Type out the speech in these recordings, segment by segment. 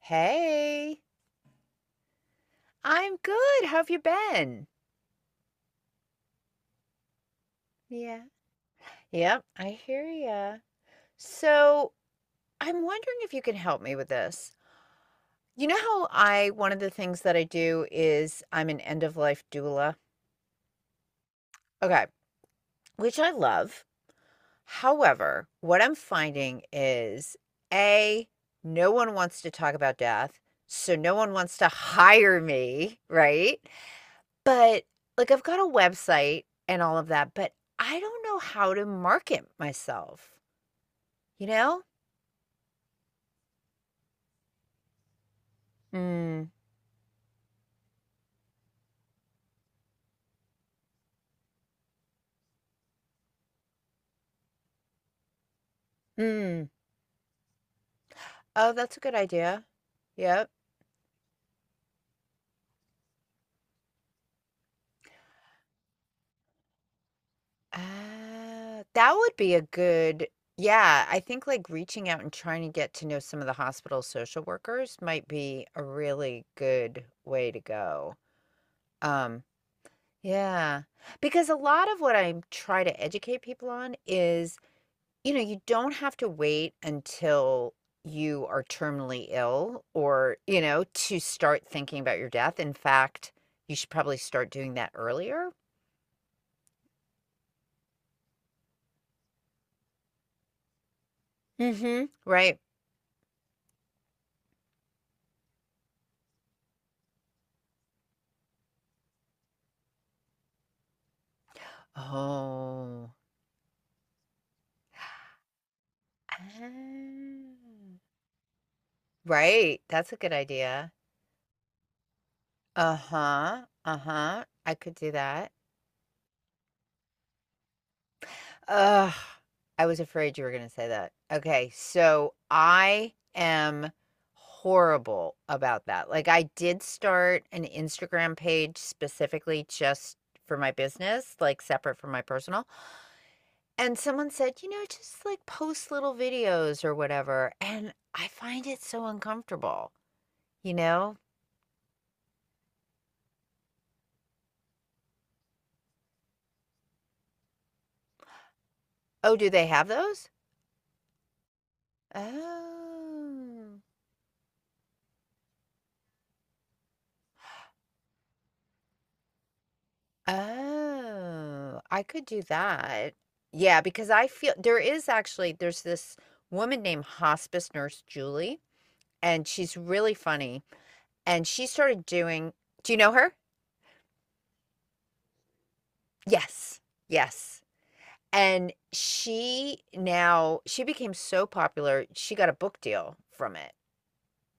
Hey, I'm good. How have you been? Yeah. Yep, I hear ya. So, I'm wondering if you can help me with this. You know how one of the things that I do is I'm an end of life doula? Okay, which I love. However, what I'm finding is A, no one wants to talk about death. So, no one wants to hire me, right? But, like, I've got a website and all of that, but I don't know how to market myself, you know? Mm. Mm. Oh, that's a good idea. Yep. That would be a good Yeah, I think, like, reaching out and trying to get to know some of the hospital social workers might be a really good way to go. Um, yeah, because a lot of what I try to educate people on is, you know, you don't have to wait until you are terminally ill to start thinking about your death. In fact, you should probably start doing that earlier, mhm, right? Oh. Ah. Right, that's a good idea. Uh-huh, uh-huh, I could do that. Ugh, I was afraid you were going to say that. Okay, so I am horrible about that. Like, I did start an Instagram page specifically just for my business, like separate from my personal. And someone said, just like post little videos or whatever. And I find it so uncomfortable, you know? Oh, do they have those? Oh. Oh, I could do that. Yeah, because I feel there is actually there's this woman named hospice nurse Julie, and she's really funny. And do you know her? Yes. Yes. And she became so popular, she got a book deal from it.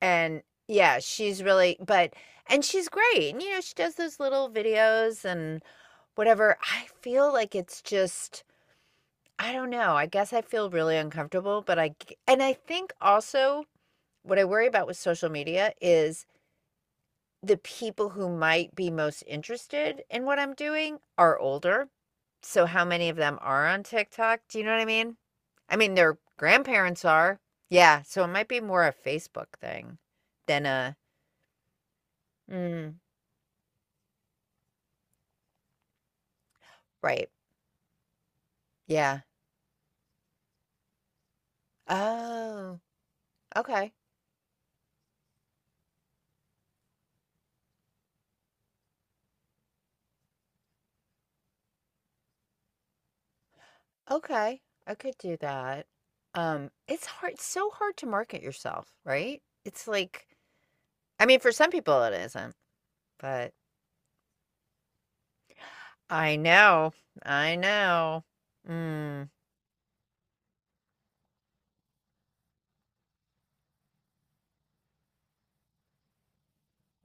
And yeah, she's really but and she's great. And she does those little videos and whatever. I feel like it's just I don't know. I guess I feel really uncomfortable, but I think also what I worry about with social media is the people who might be most interested in what I'm doing are older. So how many of them are on TikTok? Do you know what I mean? I mean, their grandparents are. Yeah, so it might be more a Facebook thing than a mm, right. Yeah. Oh, okay. Okay, I could do that. It's hard, it's so hard to market yourself, right? It's like I mean, for some people it isn't, but I know. I know. Mm.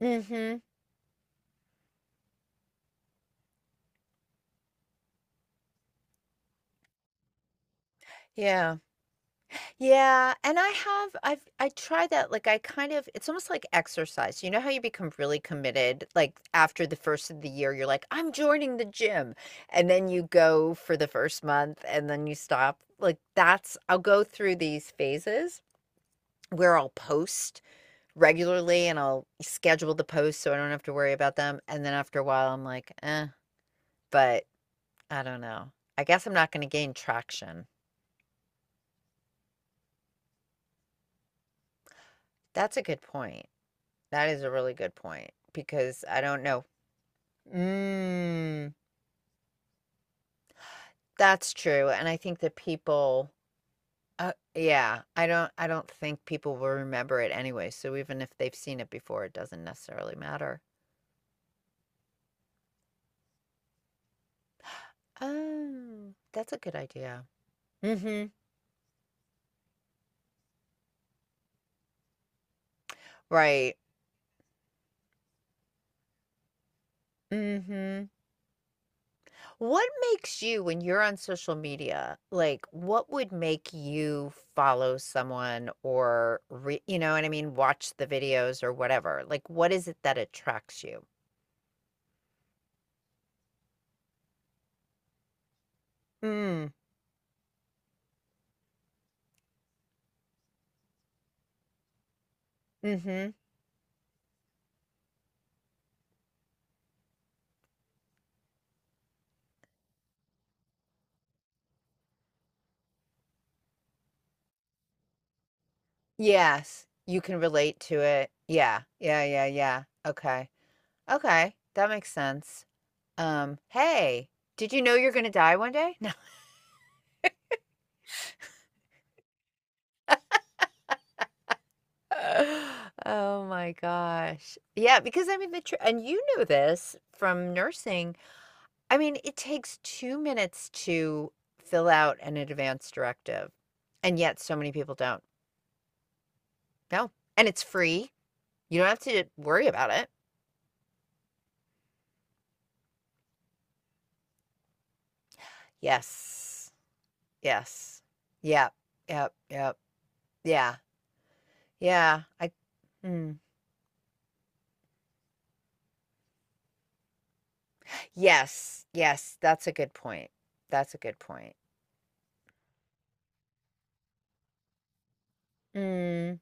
Mhm. Yeah. Yeah, and I tried that. Like, I kind of it's almost like exercise. You know how you become really committed like after the first of the year you're like, "I'm joining the gym." And then you go for the first month and then you stop. Like that's I'll go through these phases where I'll post regularly, and I'll schedule the posts so I don't have to worry about them. And then after a while, I'm like, eh, but I don't know. I guess I'm not going to gain traction. That's a good point. That is a really good point because I don't know. Mm, that's true. And I think that people. Yeah, I don't think people will remember it anyway. So even if they've seen it before, it doesn't necessarily matter. Oh, that's a good idea. Mm-hmm. Right. Mm-hmm. What makes you, when you're on social media, like what would make you follow someone you know what I mean, watch the videos or whatever? Like, what is it that attracts you? Mm, mm-hmm. Yes, you can relate to it. Yeah, yeah, yeah, yeah. Okay, okay, that makes sense. Hey, did you know you're gonna die one day? No. Oh my gosh. Yeah, because I mean the tr and you know this from nursing. I mean, it takes 2 minutes to fill out an advance directive, and yet so many people don't. No, and it's free. You don't have to worry about it. Yes. Yes. Yep. Yep. Yep. Yeah. Yeah. I mm. Yes. Yes. That's a good point. That's a good point. Mm.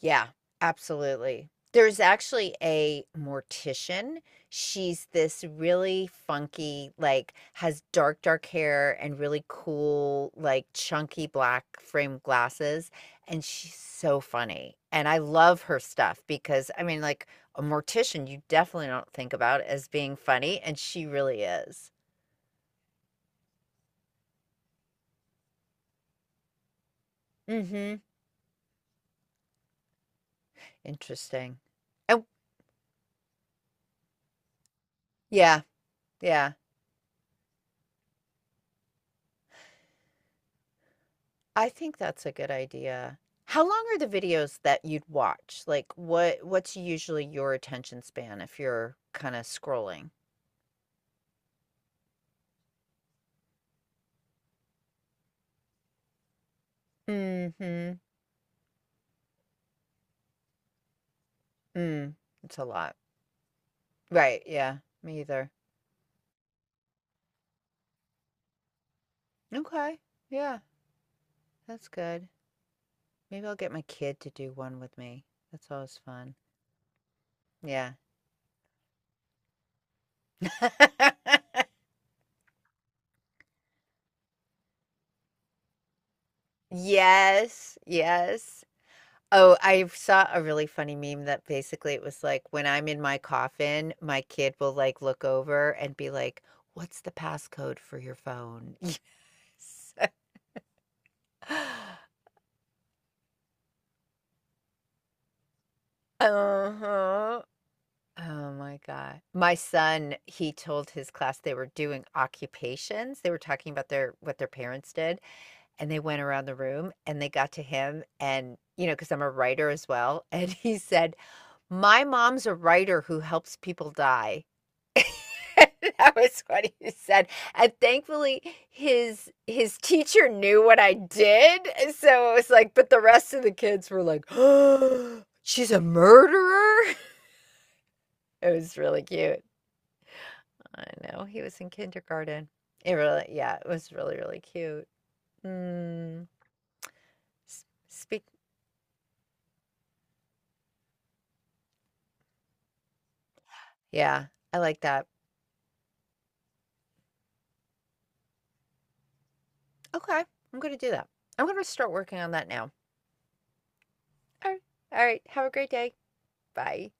Yeah, absolutely. There's actually a mortician. She's this really funky, like, has dark, dark hair and really cool, like, chunky black framed glasses. And she's so funny. And I love her stuff because, I mean, like, a mortician you definitely don't think about as being funny. And she really is. Mm hmm. Interesting. Oh, yeah. Yeah. I think that's a good idea. How long are the videos that you'd watch? Like, what's usually your attention span if you're kinda scrolling? Mhm. Mm. It's a lot. Right, yeah, me either. Okay. Yeah, that's good. Maybe I'll get my kid to do one with me. That's always fun. Yeah. Yes, yes. Oh, I saw a really funny meme that basically it was like, "When I'm in my coffin, my kid will, like, look over and be like, 'What's the passcode for your phone?'" Yes. Uh-huh. Oh my god. My son, he told his class they were doing occupations. They were talking about their what their parents did, and they went around the room, and they got to him. And you know, because 'cause I'm a writer as well, and he said, "My mom's a writer who helps people die." That was what he said, and thankfully, his teacher knew what I did, so it was like, but the rest of the kids were like, oh, "She's a murderer?" It was really cute. I know. He was in kindergarten. It really, yeah, it was really, really cute. Mm. Speak. Yeah, I like that. Okay, I'm gonna do that. I'm gonna start working on that now. All right. All right. Have a great day. Bye.